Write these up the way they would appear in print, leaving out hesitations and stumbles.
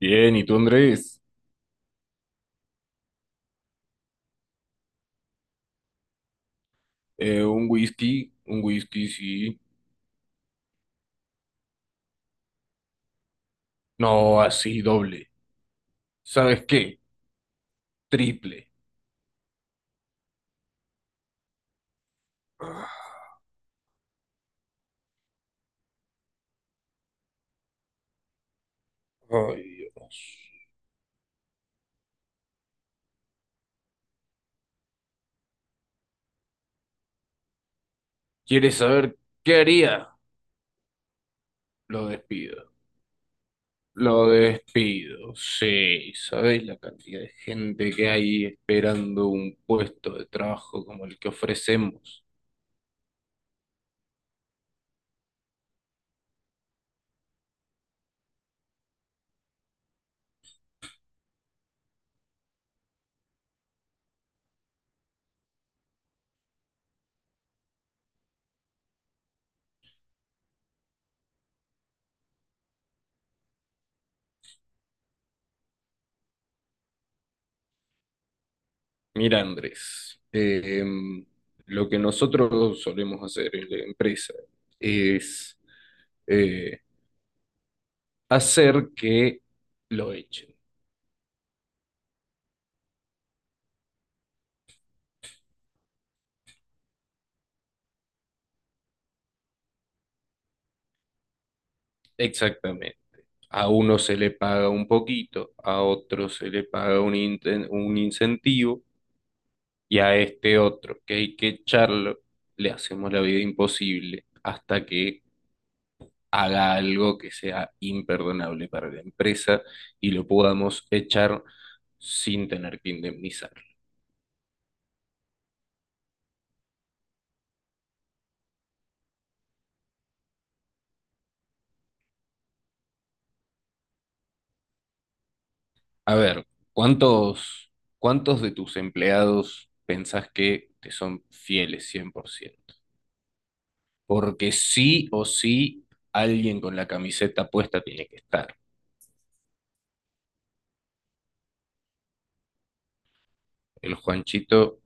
Bien, ¿y tú, Andrés? Un whisky, sí. No, así, doble. ¿Sabes qué? Triple. Ah, Ay, Dios. ¿Quieres saber qué haría? Lo despido. Lo despido, sí. ¿Sabes la cantidad de gente que hay esperando un puesto de trabajo como el que ofrecemos? Mira, Andrés, lo que nosotros solemos hacer en la empresa es... eh, hacer que lo echen. Exactamente. A uno se le paga un poquito, a otro se le paga un incentivo y a este otro que hay que echarlo, le hacemos la vida imposible hasta que haga algo que sea imperdonable para la empresa y lo podamos echar sin tener que indemnizar. A ver, ¿cuántos, cuántos de tus empleados pensás que te son fieles 100%? Porque sí o sí, alguien con la camiseta puesta tiene que estar. El Juanchito,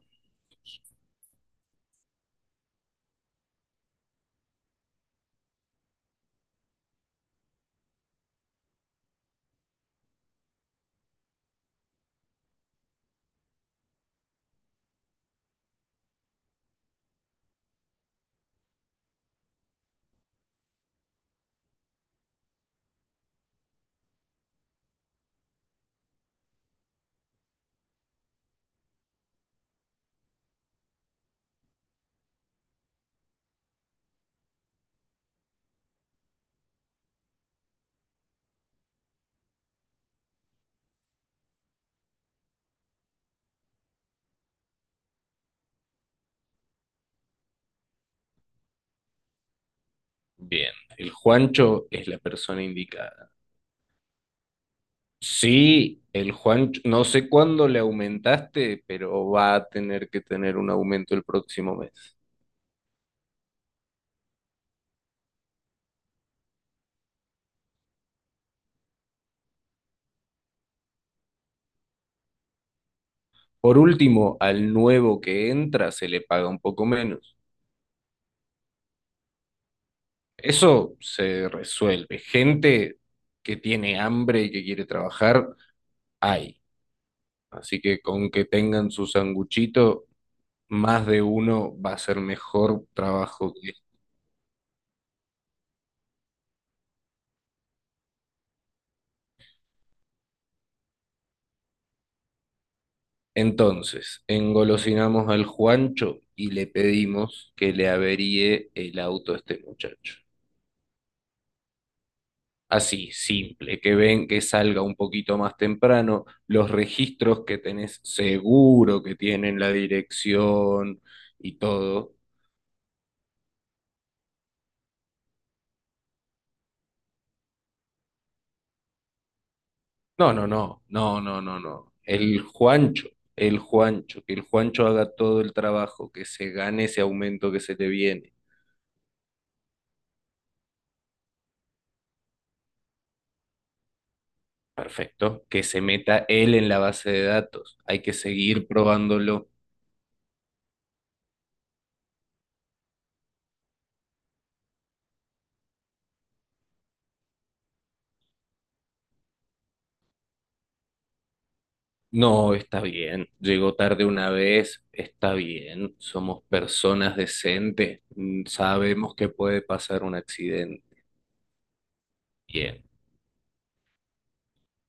bien. El Juancho es la persona indicada. Sí, el Juancho, no sé cuándo le aumentaste, pero va a tener que tener un aumento el próximo mes. Por último, al nuevo que entra se le paga un poco menos. Eso se resuelve. Gente que tiene hambre y que quiere trabajar, hay. Así que con que tengan su sanguchito, más de uno va a ser mejor trabajo que este. Entonces, engolosinamos al Juancho y le pedimos que le averíe el auto a este muchacho. Así, simple, que ven que salga un poquito más temprano, los registros que tenés seguro que tienen la dirección y todo. No, no, no, no, no, no, no. El Juancho, que el Juancho haga todo el trabajo, que se gane ese aumento que se le viene. Perfecto. Que se meta él en la base de datos. Hay que seguir probándolo. No, está bien. Llegó tarde una vez. Está bien. Somos personas decentes. Mm, sabemos que puede pasar un accidente. Bien.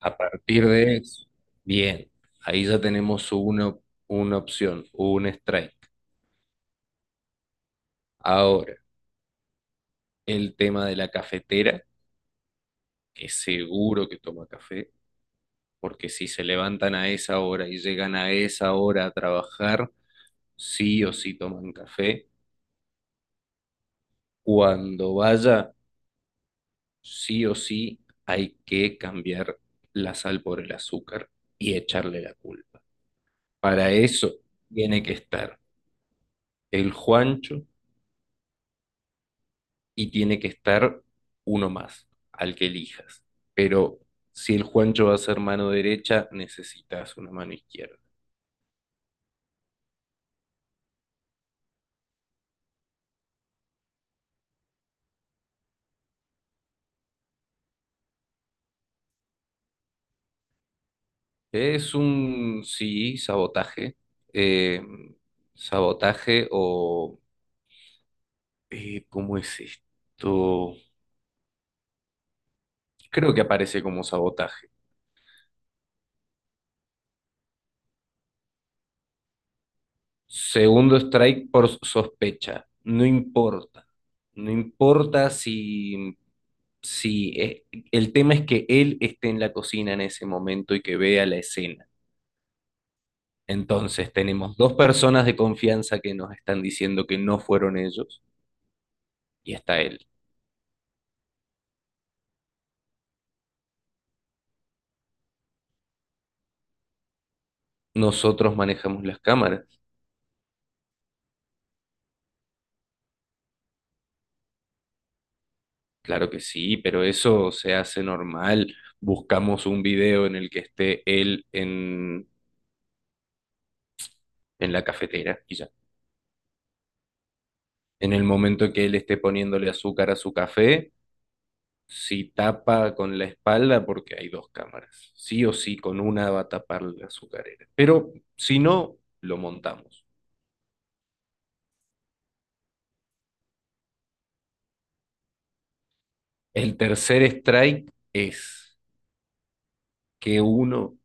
A partir de eso, bien. Ahí ya tenemos una opción, un strike. Ahora, el tema de la cafetera, que seguro que toma café, porque si se levantan a esa hora y llegan a esa hora a trabajar, sí o sí toman café. Cuando vaya, sí o sí hay que cambiar la sal por el azúcar y echarle la culpa. Para eso tiene que estar el Juancho y tiene que estar uno más, al que elijas. Pero si el Juancho va a ser mano derecha, necesitas una mano izquierda. Es un, sí, sabotaje. eh, sabotaje ¿cómo es esto? Creo que aparece como sabotaje. Segundo strike por sospecha. No importa. No importa si el tema es que él esté en la cocina en ese momento y que vea la escena. Entonces tenemos dos personas de confianza que nos están diciendo que no fueron ellos y está él. Nosotros manejamos las cámaras. Claro que sí, pero eso se hace normal. Buscamos un video en el que esté él en la cafetera y ya. En el momento que él esté poniéndole azúcar a su café, si tapa con la espalda, porque hay dos cámaras, sí o sí, con una va a tapar la azucarera. Pero si no, lo montamos. El tercer strike es que uno,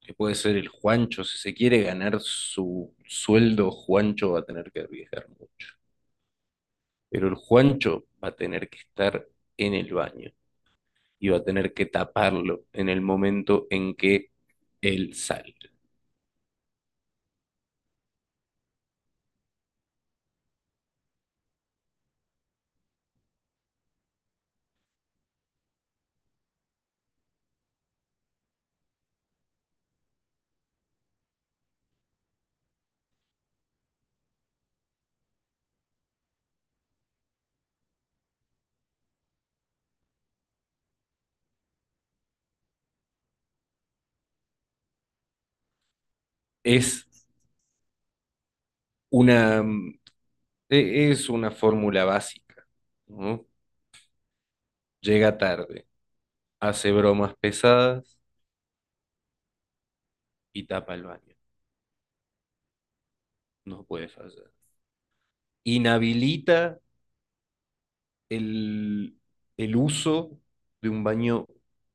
que puede ser el Juancho, si se quiere ganar su sueldo, Juancho va a tener que arriesgar mucho. Pero el Juancho va a tener que estar en el baño y va a tener que taparlo en el momento en que él sale. Es una, es una fórmula básica, ¿no? Llega tarde, hace bromas pesadas y tapa el baño. No puede fallar. Inhabilita el, el uso de un baño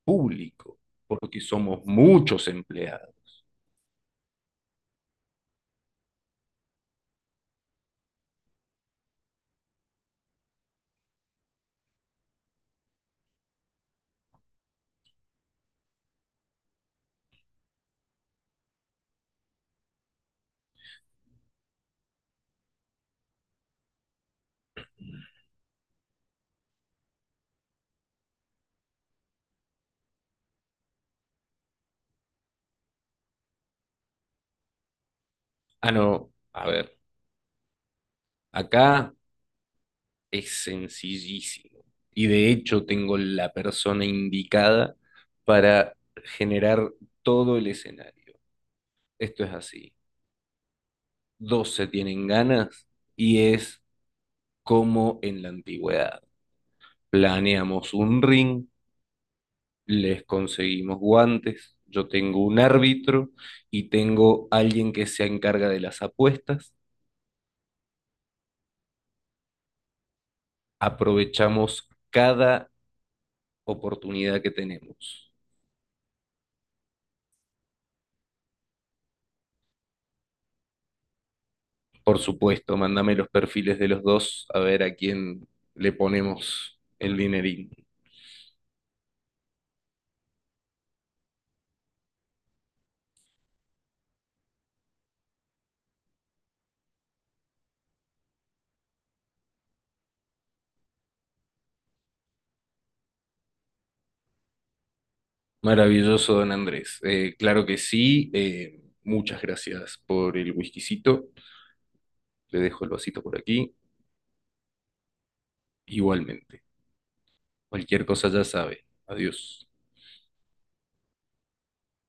público, porque somos muchos empleados. Ah, no, a ver, acá es sencillísimo. Y de hecho tengo la persona indicada para generar todo el escenario. Esto es así. Dos se tienen ganas y es como en la antigüedad. Planeamos un ring, les conseguimos guantes, yo tengo un árbitro y tengo alguien que se encarga de las apuestas. Aprovechamos cada oportunidad que tenemos. Por supuesto, mándame los perfiles de los dos a ver a quién le ponemos el dinerín. Maravilloso, don Andrés. Claro que sí. Muchas gracias por el whiskycito. Le dejo el vasito por aquí. Igualmente. Cualquier cosa ya sabe. Adiós.